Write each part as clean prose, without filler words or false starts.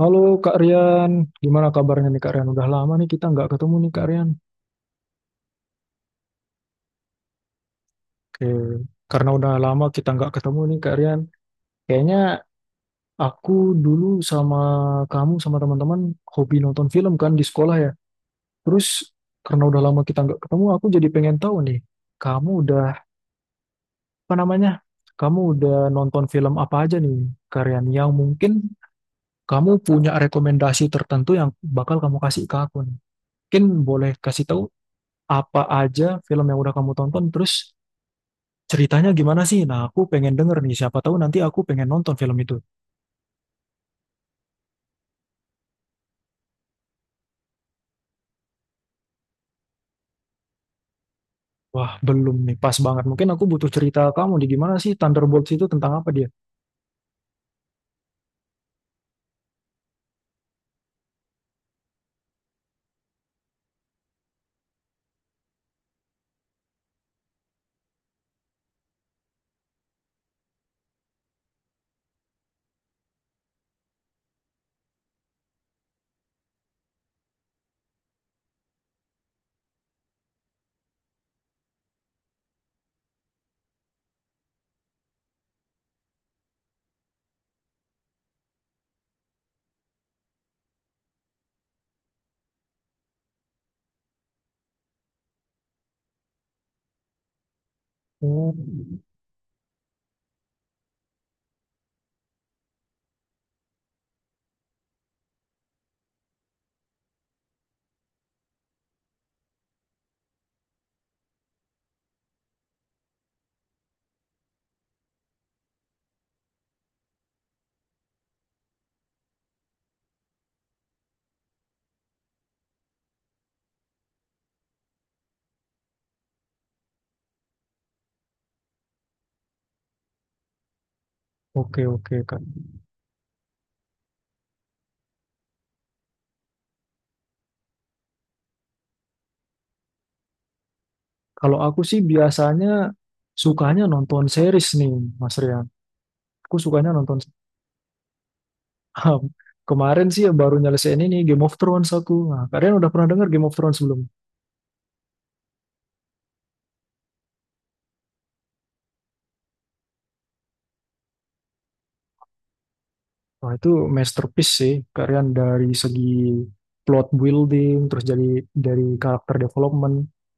Halo Kak Rian, gimana kabarnya nih Kak Rian? Udah lama nih kita nggak ketemu nih Kak Rian. Oke, karena udah lama kita nggak ketemu nih Kak Rian. Kayaknya aku dulu sama kamu sama teman-teman hobi nonton film kan di sekolah ya. Terus karena udah lama kita nggak ketemu, aku jadi pengen tahu nih, kamu udah apa namanya? Kamu udah nonton film apa aja nih Kak Rian? Yang mungkin kamu punya rekomendasi tertentu yang bakal kamu kasih ke aku nih. Mungkin boleh kasih tahu apa aja film yang udah kamu tonton, terus ceritanya gimana sih? Nah, aku pengen denger nih, siapa tahu nanti aku pengen nonton film itu. Wah, belum nih, pas banget. Mungkin aku butuh cerita kamu di gimana sih Thunderbolts itu tentang apa dia? Oh, oke oke Kak. Kalau aku sih biasanya sukanya nonton series nih, Mas Rian. Aku sukanya nonton kemarin sih baru nyelesain ini Game of Thrones aku. Nah, kalian udah pernah dengar Game of Thrones belum? Wah, itu masterpiece sih, kalian dari segi plot building, terus jadi dari karakter development,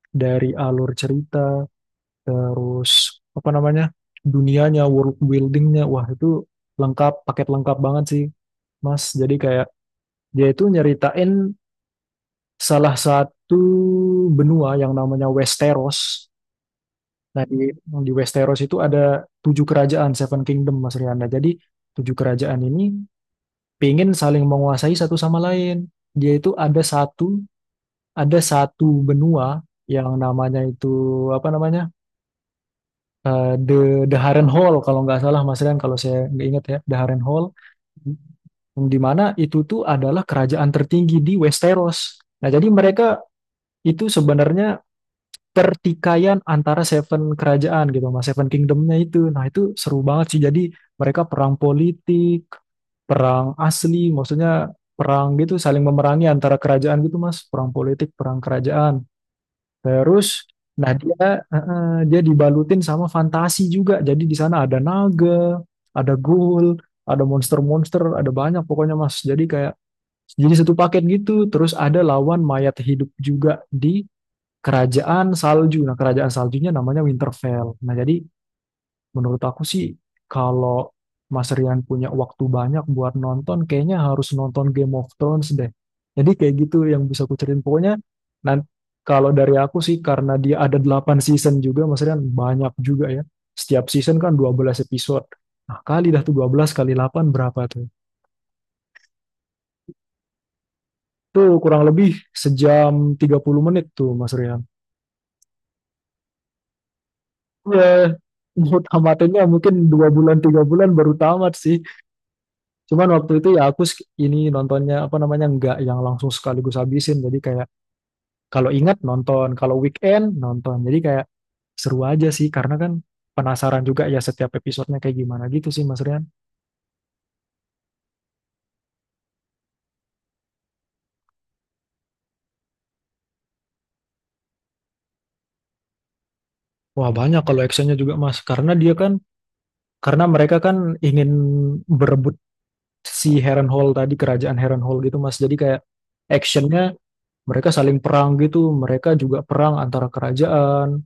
dari alur cerita, terus apa namanya, dunianya, world buildingnya, wah itu lengkap, paket lengkap banget sih, Mas. Jadi kayak dia itu nyeritain salah satu benua yang namanya Westeros. Nah, di Westeros itu ada tujuh kerajaan, Seven Kingdom, Mas Riana. Jadi tujuh kerajaan ini pingin saling menguasai satu sama lain. Dia itu ada satu benua yang namanya itu apa namanya. The Haren Hall kalau nggak salah Mas Rian, kalau saya nggak ingat ya, the Haren Hall di mana itu tuh adalah kerajaan tertinggi di Westeros. Nah, jadi mereka itu sebenarnya pertikaian antara Seven kerajaan gitu Mas, Seven Kingdomnya itu. Nah, itu seru banget sih, jadi mereka perang politik, perang asli, maksudnya perang gitu, saling memerangi antara kerajaan gitu Mas, perang politik, perang kerajaan. Terus nah dia dibalutin sama fantasi juga. Jadi di sana ada naga, ada ghoul, ada monster-monster, ada banyak pokoknya Mas. Jadi kayak jadi satu paket gitu. Terus ada lawan mayat hidup juga di kerajaan salju. Nah, kerajaan saljunya namanya Winterfell. Nah, jadi menurut aku sih, kalau Mas Rian punya waktu banyak buat nonton, kayaknya harus nonton Game of Thrones deh. Jadi kayak gitu yang bisa aku ceritain. Pokoknya, nanti kalau dari aku sih, karena dia ada 8 season juga, Mas Rian, banyak juga ya. Setiap season kan 12 episode. Nah, kali dah tuh 12 kali 8 berapa tuh? Tuh kurang lebih 1 jam 30 menit tuh, Mas Rian. Ya, mau tamatinnya mungkin 2 bulan, 3 bulan baru tamat sih. Cuman waktu itu ya ini nontonnya apa namanya nggak yang langsung sekaligus habisin. Jadi kayak kalau ingat nonton, kalau weekend nonton. Jadi kayak seru aja sih karena kan penasaran juga ya setiap episodenya kayak gimana gitu sih Mas Rian. Wah banyak kalau actionnya juga Mas. Karena mereka kan ingin berebut si Harrenhal tadi, kerajaan Harrenhal gitu Mas. Jadi kayak actionnya mereka saling perang gitu. Mereka juga perang antara kerajaan.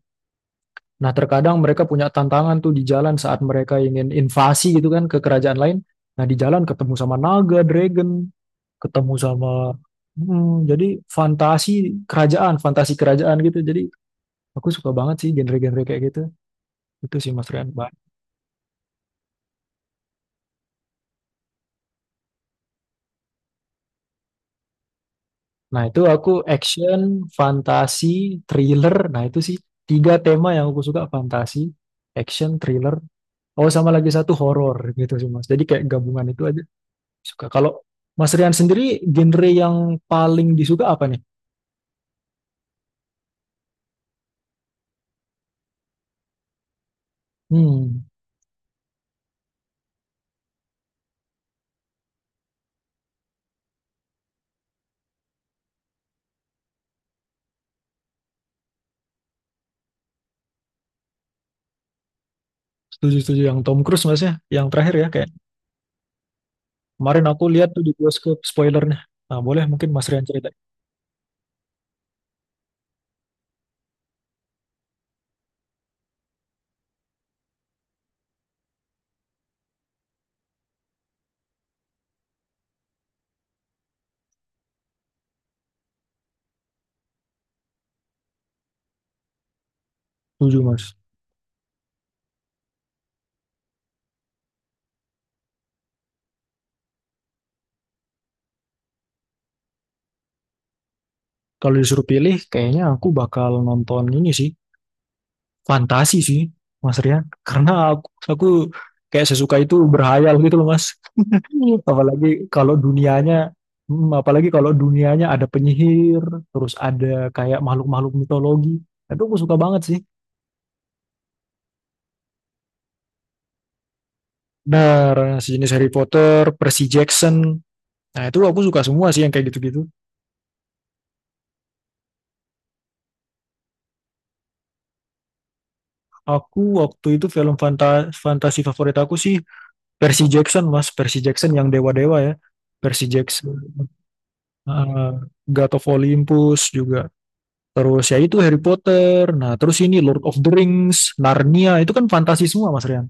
Nah, terkadang mereka punya tantangan tuh di jalan saat mereka ingin invasi gitu kan ke kerajaan lain. Nah, di jalan ketemu sama naga, dragon, ketemu sama hmm, jadi fantasi kerajaan gitu. Jadi aku suka banget sih genre-genre kayak gitu. Itu sih Mas Rian. Ba- Nah, itu aku action, fantasi, thriller. Nah, itu sih tiga tema yang aku suka, fantasi, action, thriller. Oh, sama lagi satu horor gitu sih Mas. Jadi kayak gabungan itu aja suka. Kalau Mas Rian sendiri genre yang paling disuka apa nih? Hmm, setuju-setuju yang Tom Cruise mas ya. Yang terakhir ya kayak kemarin aku lihat tuh di bioskop spoilernya. Nah boleh mungkin Mas Rian cerita. Setuju mas. Kalau disuruh pilih kayaknya aku bakal nonton ini sih. Fantasi sih Mas Rian. Karena aku kayak sesuka itu berhayal gitu loh mas. Apalagi kalau dunianya hmm, apalagi kalau dunianya ada penyihir, terus ada kayak makhluk-makhluk mitologi. Itu aku suka banget sih. Benar, sejenis Harry Potter, Percy Jackson. Nah, itu aku suka semua sih yang kayak gitu-gitu. Aku waktu itu film fantasi favorit aku sih Percy Jackson, Mas. Percy Jackson yang dewa-dewa ya. Percy Jackson. Uh, God of Olympus juga. Terus ya itu Harry Potter. Nah, terus ini Lord of the Rings, Narnia. Itu kan fantasi semua, Mas Rian.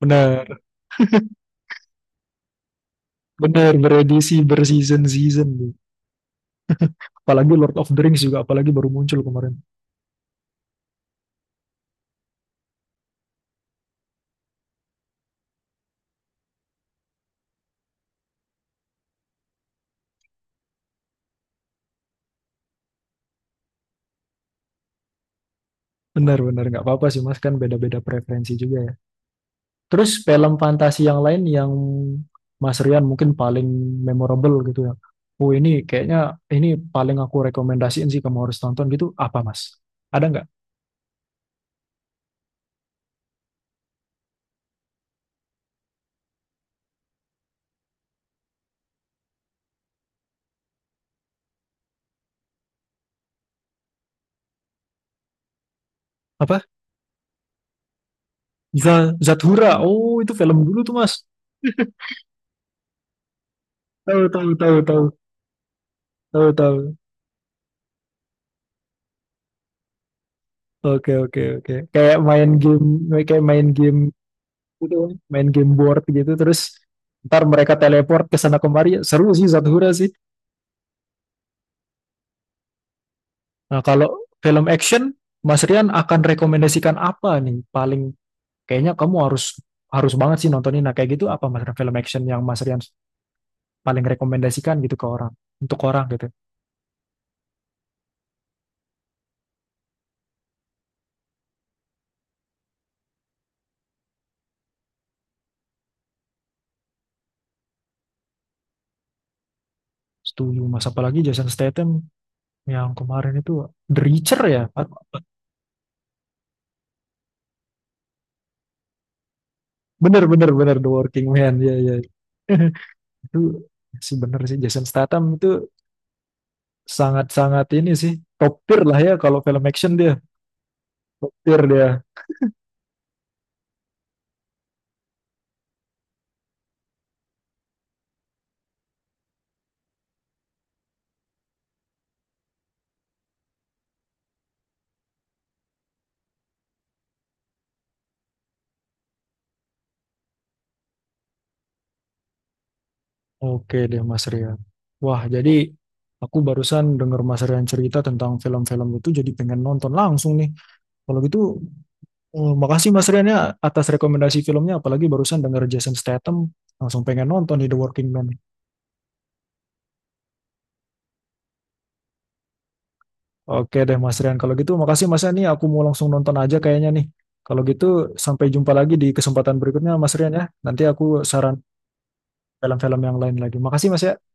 Benar, benar beredisi berseason-season. Apalagi Lord of the Rings juga, apalagi baru muncul kemarin. Benar, benar. Nggak apa-apa sih, Mas. Kan beda-beda preferensi juga ya. Terus film fantasi yang lain yang Mas Rian mungkin paling memorable gitu ya. Oh ini kayaknya ini paling aku rekomendasiin sih kamu harus tonton gitu. Apa Mas? Ada nggak? Apa? Za- Zathura. Oh itu film dulu tuh Mas. Tahu tahu tahu tahu tahu tahu. Oke oke oke. Kayak main game gitu, main game board gitu terus ntar mereka teleport ke sana kemari. Seru sih Zathura sih. Nah kalau film action Mas Rian akan rekomendasikan apa nih paling, kayaknya kamu harus harus banget sih nontonin. Nah, kayak gitu apa Mas Rian film action yang Mas Rian paling rekomendasikan gitu ke orang, untuk orang gitu. Setuju, Mas. Apalagi Jason Statham yang kemarin itu The Reacher ya. Bener, bener, bener. The Working Man. Ya ya. Itu sih bener sih. Jason Statham itu sangat-sangat ini sih. Top tier lah ya kalau film action dia. Tier dia. Oke deh, Mas Rian. Wah, jadi aku barusan denger Mas Rian cerita tentang film-film itu jadi pengen nonton langsung nih. Kalau gitu oh, makasih Mas Rian ya atas rekomendasi filmnya, apalagi barusan denger Jason Statham, langsung pengen nonton nih The Working Man. Oke deh Mas Rian, kalau gitu makasih Mas Rian nih, aku mau langsung nonton aja kayaknya nih. Kalau gitu sampai jumpa lagi di kesempatan berikutnya Mas Rian ya. Nanti aku saran film-film yang lain lagi. Makasih Mas Rian.